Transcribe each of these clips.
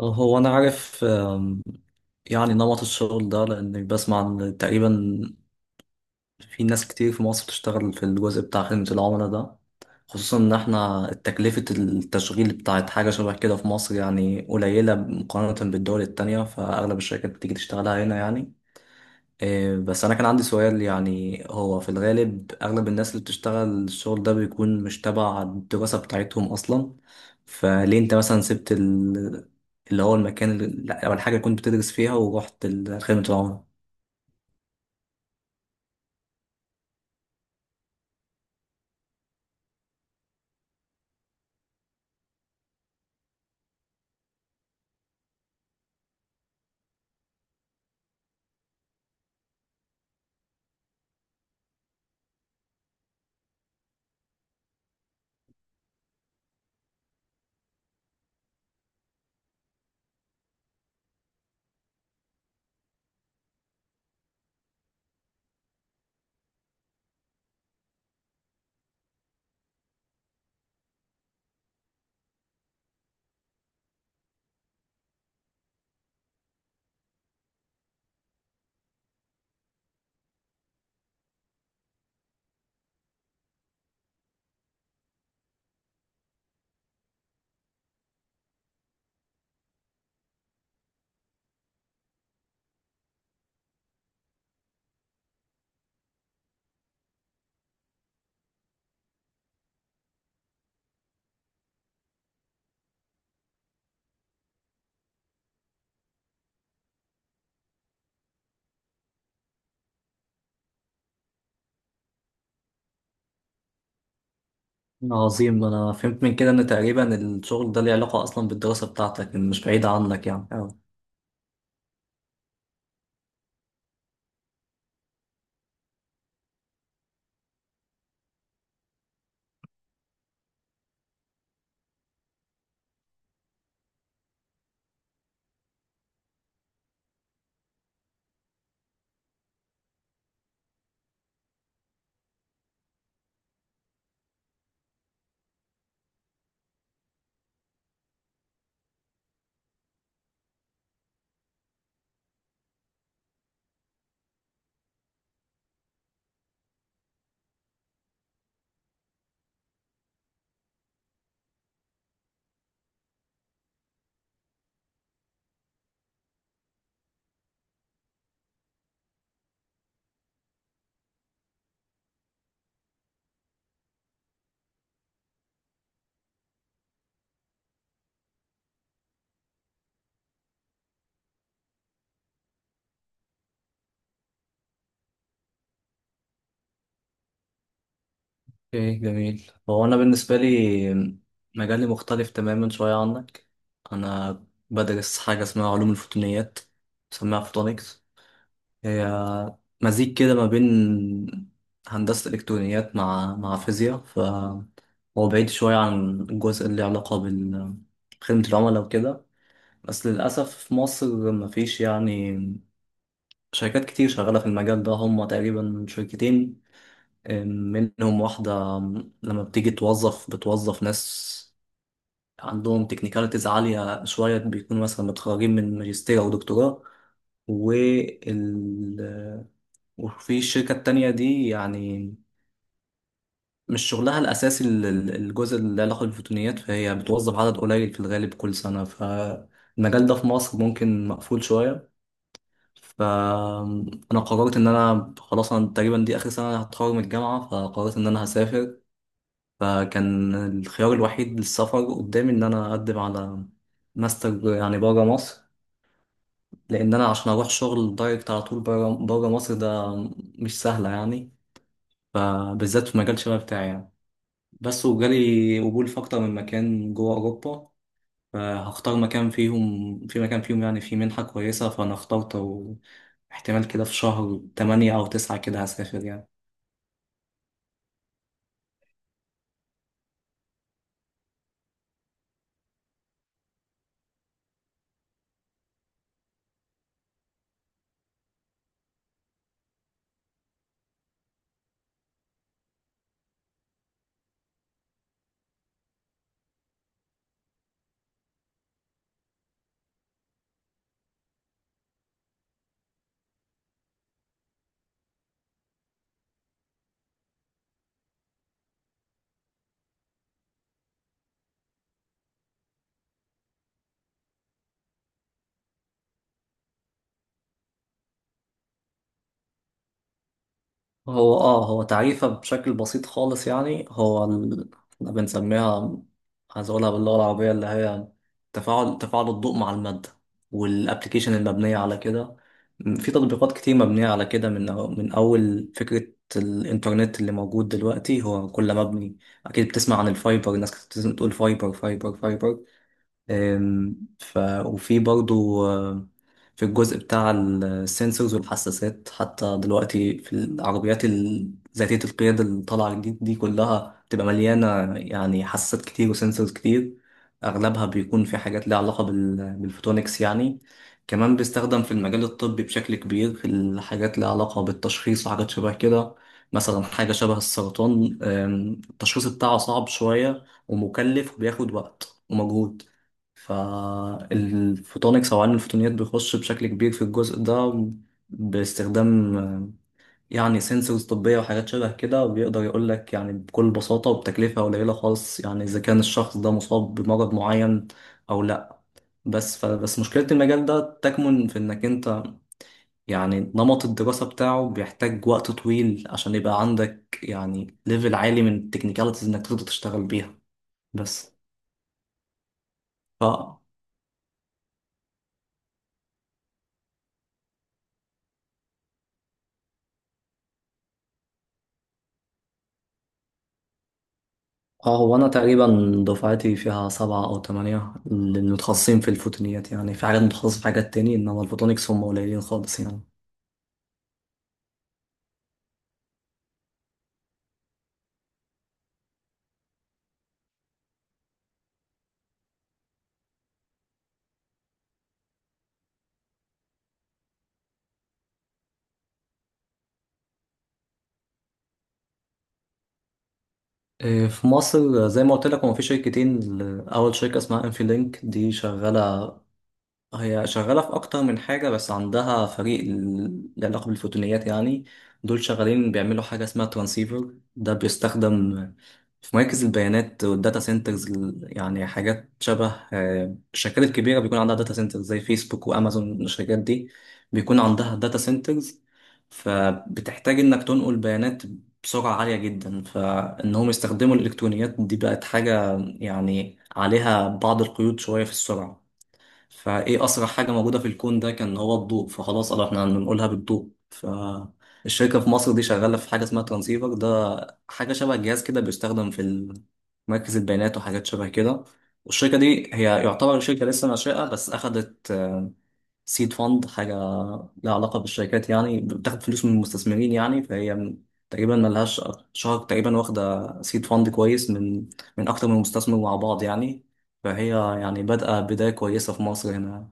هو أنا عارف يعني نمط الشغل ده، لأني بسمع إن تقريبا في ناس كتير في مصر بتشتغل في الجزء بتاع خدمة العملاء ده، خصوصا إن إحنا تكلفة التشغيل بتاعت حاجة شبه كده في مصر يعني قليلة مقارنة بالدول التانية، فأغلب الشركات بتيجي تشتغلها هنا يعني. إيه، بس أنا كان عندي سؤال، يعني هو في الغالب أغلب الناس اللي بتشتغل الشغل ده بيكون مش تبع الدراسة بتاعتهم أصلا، فليه أنت مثلا سبت اللي هو المكان أو الحاجة اللي كنت بتدرس فيها ورحت خدمة العملاء؟ عظيم، أنا فهمت من كده إن تقريبا الشغل ده ليه علاقة أصلا بالدراسة بتاعتك، إن مش بعيدة عنك يعني أوي. اوكي جميل، هو انا بالنسبه لي مجالي مختلف تماما شويه عنك. انا بدرس حاجه اسمها علوم الفوتونيات، بسميها فوتونيكس. هي مزيج كده ما بين هندسة إلكترونيات مع فيزياء، فهو بعيد شوية عن الجزء اللي علاقة بخدمة العملاء وكده. بس للأسف في مصر مفيش يعني شركات كتير شغالة في المجال ده، هم تقريبا شركتين. منهم واحدة لما بتيجي توظف بتوظف ناس عندهم تكنيكاليتيز عالية شوية، بيكونوا مثلا متخرجين من ماجستير أو دكتوراه. وال وفي الشركة التانية دي يعني مش شغلها الأساسي الجزء اللي له علاقة بالفوتونيات، فهي بتوظف عدد قليل في الغالب كل سنة، فالمجال ده في مصر ممكن مقفول شوية. فأنا قررت إن أنا خلاص، أنا تقريبا دي آخر سنة هتخرج من الجامعة، فقررت إن أنا هسافر. فكان الخيار الوحيد للسفر قدامي إن أنا أقدم على ماستر يعني بره مصر، لأن أنا عشان أروح شغل دايركت على طول بره بره مصر ده، مش سهلة يعني، فبالذات في المجال شبه بتاعي يعني. بس وجالي قبول في أكتر من مكان جوه أوروبا، فهختار مكان فيهم، في مكان فيهم يعني فيه منحة كويسة، فأنا اخترت. واحتمال كده في شهر 8 أو 9 كده هسافر يعني. هو تعريفها بشكل بسيط خالص، يعني هو احنا بنسميها، عايز اقولها باللغة العربية اللي هي تفاعل الضوء مع المادة، والابلكيشن المبنية على كده. في تطبيقات كتير مبنية على كده، من أول فكرة الإنترنت اللي موجود دلوقتي هو كله مبني، أكيد بتسمع عن الفايبر، الناس كانت بتقول فايبر فايبر فايبر. آم، ف وفي برضو في الجزء بتاع السنسورز والحساسات، حتى دلوقتي في العربيات ذاتية القيادة اللي طالعة جديد دي كلها بتبقى مليانة يعني حساسات كتير وسنسورز كتير، أغلبها بيكون في حاجات ليها علاقة بالفوتونكس يعني. كمان بيستخدم في المجال الطبي بشكل كبير في الحاجات ليها علاقة بالتشخيص وحاجات شبه كده، مثلا حاجة شبه السرطان، التشخيص بتاعه صعب شوية ومكلف وبياخد وقت ومجهود، فالفوتونكس أو علم الفوتونيات بيخش بشكل كبير في الجزء ده، باستخدام يعني سنسورز طبية وحاجات شبه كده، وبيقدر يقول لك يعني بكل بساطة وبتكلفة قليلة خالص يعني إذا كان الشخص ده مصاب بمرض معين أو لأ. فبس مشكلة المجال ده تكمن في إنك أنت يعني نمط الدراسة بتاعه بيحتاج وقت طويل عشان يبقى عندك يعني ليفل عالي من التكنيكاليتيز إنك تقدر تشتغل بيها بس. اه هو انا تقريبا دفعتي فيها 7 أو 8 اللي متخصصين في الفوتونيات، يعني في حاجات متخصصة في حاجات تاني، انما الفوتونيكس هم قليلين خالص يعني. إيه، في مصر زي ما قلت لك هو في شركتين، اول شركة اسمها انفي لينك دي شغالة. هي شغالة في أكتر من حاجة بس عندها فريق له علاقة بالفوتونيات يعني. دول شغالين بيعملوا حاجة اسمها ترانسيفر، ده بيستخدم في مراكز البيانات والداتا سنترز، يعني حاجات شبه الشركات الكبيرة بيكون عندها داتا سنترز زي فيسبوك وأمازون، الشركات دي بيكون عندها داتا سنترز، فبتحتاج إنك تنقل بيانات بسرعة عالية جدا، فإنهم يستخدموا الإلكترونيات دي بقت حاجة يعني عليها بعض القيود شوية في السرعة، فايه اسرع حاجه موجوده في الكون ده كان هو الضوء، فخلاص قالوا احنا هنقولها بالضوء. فالشركه في مصر دي شغاله في حاجه اسمها ترانسيفر، ده حاجه شبه جهاز كده بيستخدم في مركز البيانات وحاجات شبه كده. والشركه دي هي يعتبر شركه لسه ناشئه، بس اخدت سيد فند، حاجه لها علاقه بالشركات يعني بتاخد فلوس من المستثمرين، يعني فهي تقريبا ملهاش شهر تقريبا واخده سيد فند كويس، من اكتر من مستثمر مع بعض يعني. فهي يعني بادئة بداية كويسة في مصر هنا.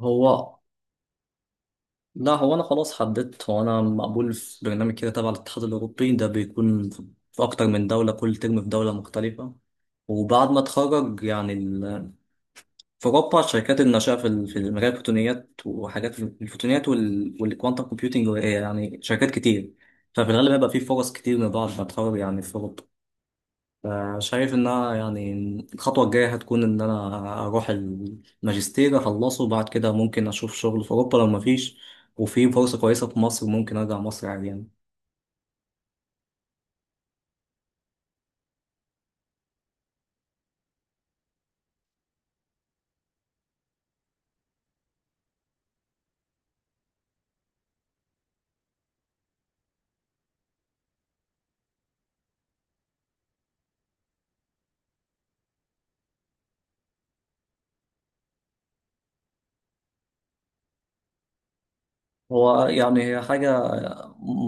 هو لا، هو أنا خلاص حددت، هو أنا مقبول في برنامج كده تبع الاتحاد الأوروبي، ده بيكون في أكتر من دولة، كل ترم في دولة مختلفة. وبعد ما أتخرج يعني في أوروبا شركات الناشئة في مجال الفوتونيات، وحاجات في الفوتونيات والكوانتم كومبيوتنج يعني شركات كتير. ففي الغالب هيبقى في فرص كتير من بعد ما أتخرج يعني في أوروبا. شايف انها يعني الخطوة الجاية هتكون ان انا اروح الماجستير اخلصه، وبعد كده ممكن اشوف شغل في اوروبا لو مفيش، وفي فرصة كويسة في مصر ممكن ارجع مصر عادي يعني. هو يعني هي حاجة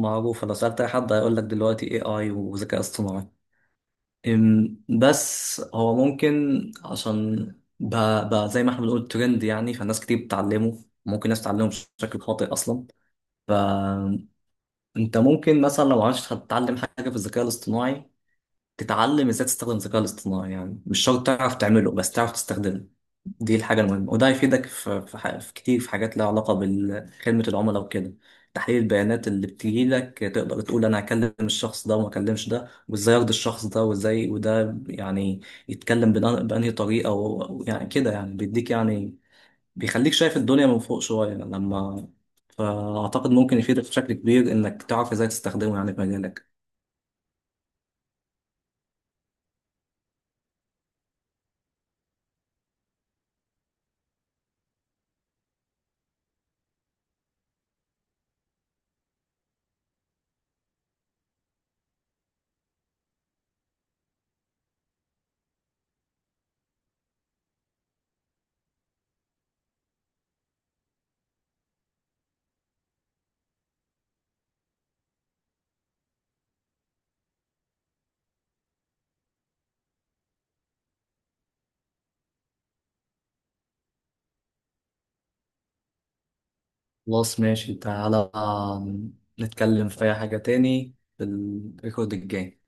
معروفة، لو سألت اي حد هيقول لك دلوقتي اي اي وذكاء اصطناعي. بس هو ممكن عشان بقى زي ما احنا بنقول ترند يعني، فالناس كتير بتتعلمه، ممكن ناس تتعلمه بشكل خاطئ اصلا. فانت ممكن مثلا لو عايز تتعلم حاجه في الذكاء الاصطناعي، تتعلم ازاي تستخدم الذكاء الاصطناعي، يعني مش شرط تعرف تعمله بس تعرف تستخدمه. دي الحاجة المهمة، وده هيفيدك في كتير في حاجات لها علاقة بخدمة العملاء وكده، تحليل البيانات اللي بتجيلك تقدر تقول أنا هكلم الشخص ده وما أكلمش ده، وإزاي أرضي الشخص ده، وإزاي وده يعني يتكلم بأنهي طريقة يعني كده، يعني بيديك يعني بيخليك شايف الدنيا من فوق شوية، لما فأعتقد ممكن يفيدك بشكل كبير إنك تعرف إزاي تستخدمه يعني في مجالك. خلاص ماشي، تعالى نتكلم في أي حاجة تاني في الريكورد الجاي.